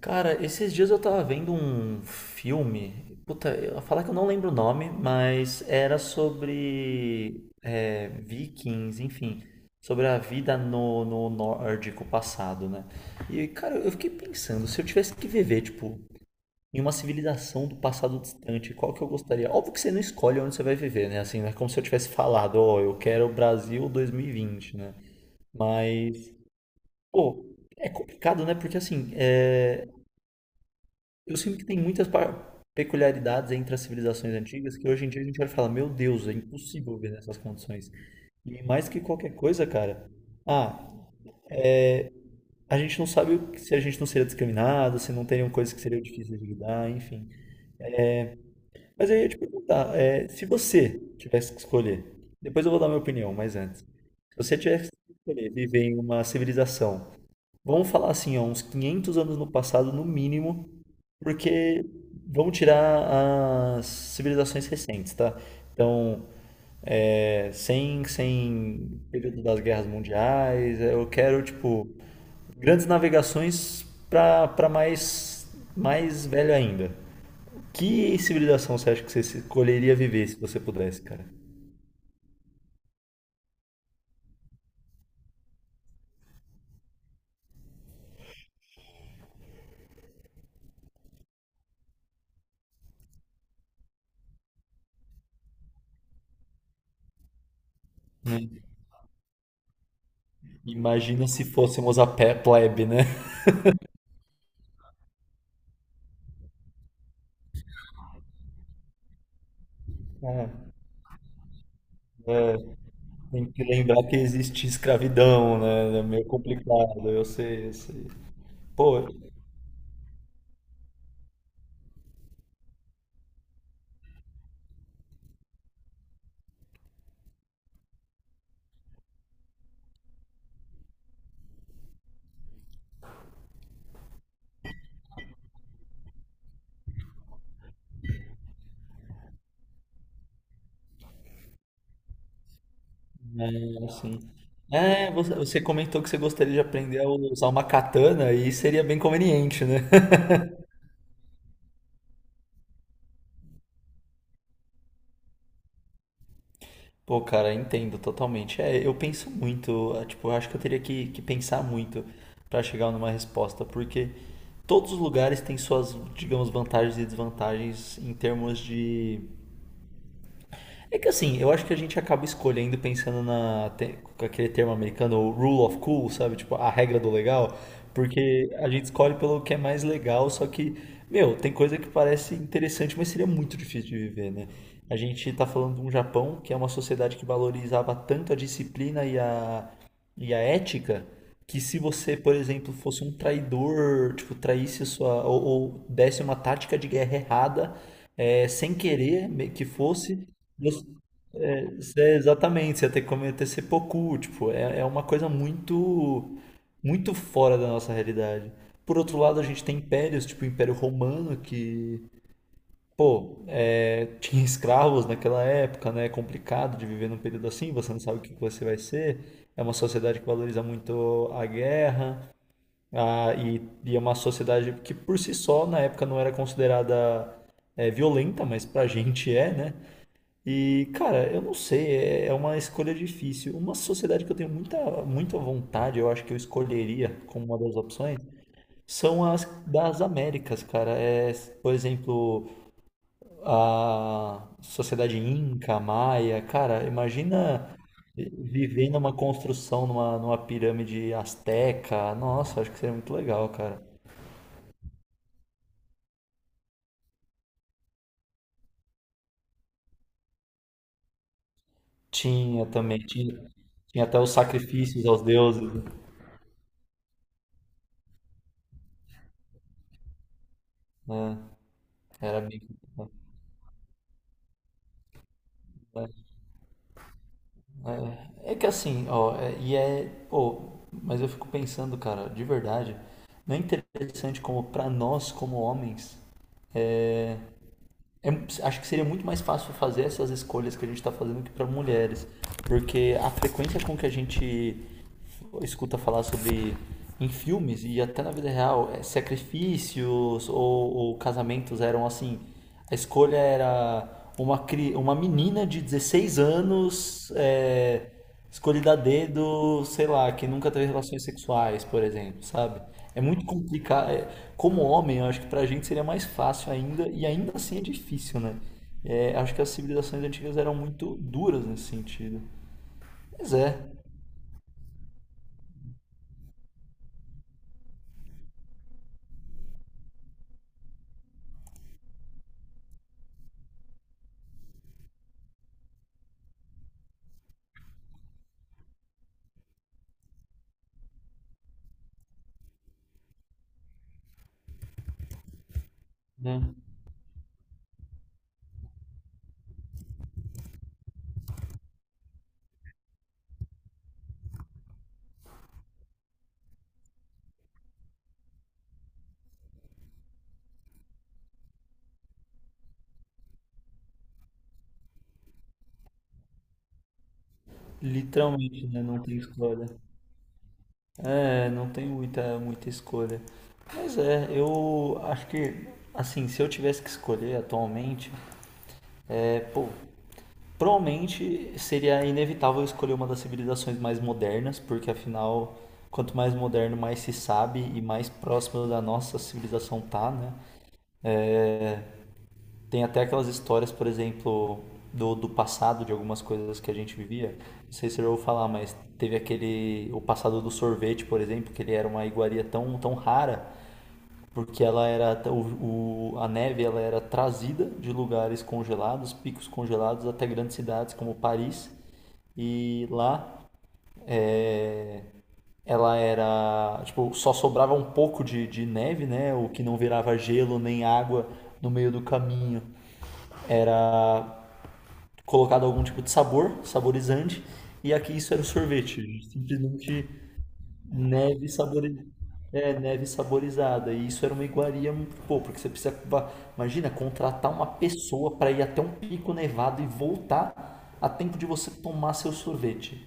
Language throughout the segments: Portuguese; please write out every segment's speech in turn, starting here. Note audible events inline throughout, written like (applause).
Cara, esses dias eu tava vendo um filme. Puta, eu vou falar que eu não lembro o nome, mas era sobre vikings, enfim, sobre a vida no nórdico passado, né? E, cara, eu fiquei pensando, se eu tivesse que viver, tipo, em uma civilização do passado distante, qual que eu gostaria? Óbvio que você não escolhe onde você vai viver, né? Assim, não é como se eu tivesse falado, ó, eu quero o Brasil dois mil e vinte, né? Mas, pô, é complicado, né? Porque assim, eu sinto que tem muitas peculiaridades entre as civilizações antigas que hoje em dia a gente vai falar, meu Deus, é impossível viver nessas condições. E mais que qualquer coisa, cara, ah, a gente não sabe se a gente não seria discriminado, se não teriam coisas que seriam difíceis de lidar, enfim. Mas aí eu ia te perguntar, se você tivesse que escolher, depois eu vou dar minha opinião, mas antes, se você tivesse que escolher viver em uma civilização, vamos falar assim, ó, uns 500 anos no passado, no mínimo. Porque vamos tirar as civilizações recentes, tá? Então, sem período das guerras mundiais, eu quero, tipo, grandes navegações para mais, mais velho ainda. Que civilização você acha que você escolheria viver se você pudesse, cara? Né? Imagina se fôssemos a pé plebe, né? Ah, é, tem que lembrar que existe escravidão, né? É meio complicado, eu sei. Pô. Assim. É, você comentou que você gostaria de aprender a usar uma katana e seria bem conveniente, né? (laughs) Pô, cara, entendo totalmente. É, eu penso muito, é, tipo, eu acho que eu teria que pensar muito pra chegar numa resposta, porque todos os lugares têm suas, digamos, vantagens e desvantagens em termos de. É que assim, eu acho que a gente acaba escolhendo pensando com aquele termo americano, o rule of cool, sabe? Tipo, a regra do legal, porque a gente escolhe pelo que é mais legal, só que, meu, tem coisa que parece interessante, mas seria muito difícil de viver, né? A gente tá falando de um Japão que é uma sociedade que valorizava tanto a disciplina e a ética, que se você, por exemplo, fosse um traidor, tipo, traísse a sua, ou desse uma tática de guerra errada, é, sem querer me- que fosse, é, exatamente, você ia ter que cometer seppuku, tipo, é uma coisa muito muito fora da nossa realidade. Por outro lado, a gente tem impérios, tipo o Império Romano, que, pô, é, tinha escravos naquela época, né? É complicado de viver num período assim, você não sabe o que que você vai ser. É uma sociedade que valoriza muito a guerra, e é uma sociedade que, por si só, na época não era considerada violenta, mas pra gente é, né? E, cara, eu não sei, é uma escolha difícil. Uma sociedade que eu tenho muita, muita vontade, eu acho que eu escolheria como uma das opções, são as das Américas, cara. É, por exemplo, a sociedade Inca, Maia. Cara, imagina viver numa construção, numa pirâmide asteca. Nossa, acho que seria muito legal, cara. Tinha também, tinha até os sacrifícios aos deuses, né? Era bem. É é que assim, ó, é- e é, pô, mas eu fico pensando, cara, de verdade, não é interessante como pra nós, como homens, é- é, acho que seria muito mais fácil fazer essas escolhas que a gente tá fazendo que pra mulheres, porque a frequência com que a gente escuta falar sobre em filmes e até na vida real, sacrifícios ou casamentos eram assim, a escolha era uma menina de 16 anos, é, escolhida a dedo, sei lá, que nunca teve relações sexuais, por exemplo, sabe? É muito complicado. Como homem, eu acho que pra gente seria mais fácil ainda, e ainda assim é difícil, né? É, acho que as civilizações antigas eram muito duras nesse sentido. Mas é, né? Literalmente, né? Não tem escolha. É, não tem muita, muita escolha. Mas é, eu acho que, assim, se eu tivesse que escolher atualmente, é, pô, provavelmente seria inevitável escolher uma das civilizações mais modernas, porque afinal, quanto mais moderno, mais se sabe e mais próximo da nossa civilização tá, né? É, tem até aquelas histórias, por exemplo, do passado, de algumas coisas que a gente vivia. Não sei se você já ouviu falar, mas teve aquele. O passado do sorvete, por exemplo, que ele era uma iguaria tão, tão rara porque ela era a neve, ela era trazida de lugares congelados, picos congelados até grandes cidades como Paris, e lá, é, ela era tipo só sobrava um pouco de neve, né? O que não virava gelo nem água no meio do caminho era colocado algum tipo de sabor, saborizante, e aqui isso era o sorvete, simplesmente neve sabor. É, neve saborizada. E isso era uma iguaria, pô, porque você precisa, imagina, contratar uma pessoa para ir até um pico nevado e voltar a tempo de você tomar seu sorvete.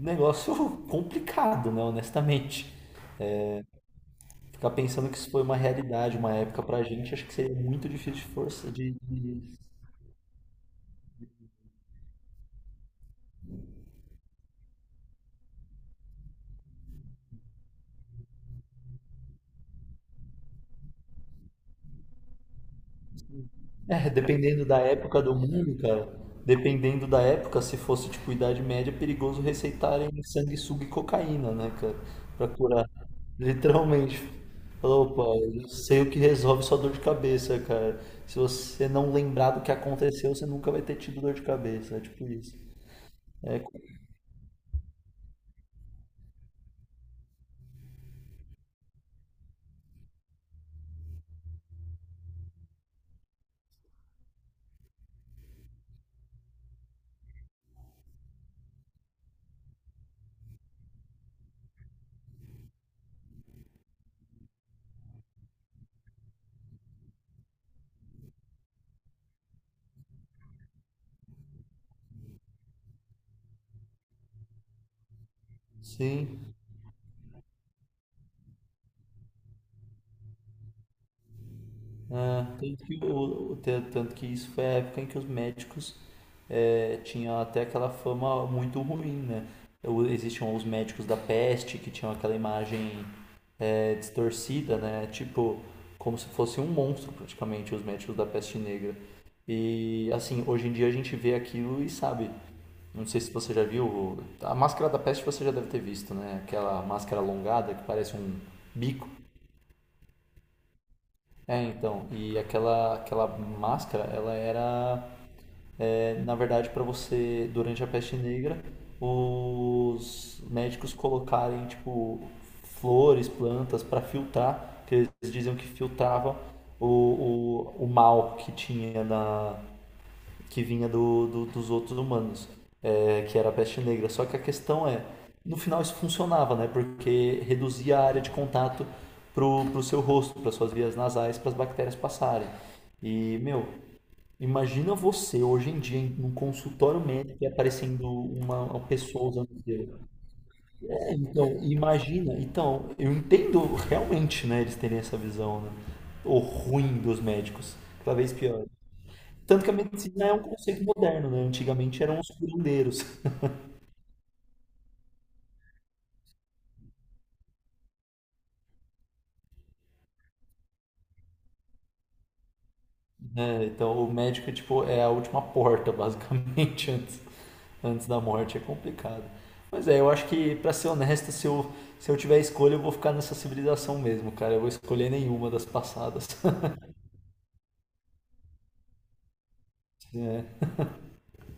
Negócio (laughs) complicado, né, honestamente. Ficar pensando que isso foi uma realidade, uma época pra gente, acho que seria muito difícil de força de. É, dependendo da época do mundo, cara. Dependendo da época, se fosse tipo Idade Média, é perigoso receitarem sanguessuga e cocaína, né, cara? Pra curar. Literalmente. Falou, opa, eu sei o que resolve sua dor de cabeça, cara. Se você não lembrar do que aconteceu, você nunca vai ter tido dor de cabeça. É tipo isso. É, sim. Ah, tanto que, tanto que isso foi a época em que os médicos tinham até aquela fama muito ruim, né? Existiam os médicos da peste que tinham aquela imagem distorcida, né? Tipo, como se fosse um monstro praticamente, os médicos da peste negra. E assim, hoje em dia a gente vê aquilo e sabe. Não sei se você já viu, a máscara da peste você já deve ter visto, né? Aquela máscara alongada que parece um bico. É, então, aquela máscara, ela era, é, na verdade, para você, durante a peste negra, os médicos colocarem, tipo, flores, plantas para filtrar, que eles diziam que filtravam o mal que tinha na, que vinha dos outros humanos, é, que era a peste negra. Só que a questão é, no final isso funcionava, né? Porque reduzia a área de contato pro seu rosto, para suas vias nasais, para as bactérias passarem. E, meu, imagina você hoje em dia num consultório médico e aparecendo uma pessoa usando gel. É, então, imagina. Então, eu entendo realmente, né, eles terem essa visão, né? O ruim dos médicos, cada vez pior. Tanto que a medicina é um conceito moderno, né? Antigamente eram os curandeiros, (laughs) né? Então o médico é, tipo, é a última porta, basicamente, (laughs) antes, antes da morte. É complicado. Mas é, eu acho que, pra ser honesto, se eu tiver escolha, eu vou ficar nessa civilização mesmo, cara. Eu vou escolher nenhuma das passadas. (laughs) É.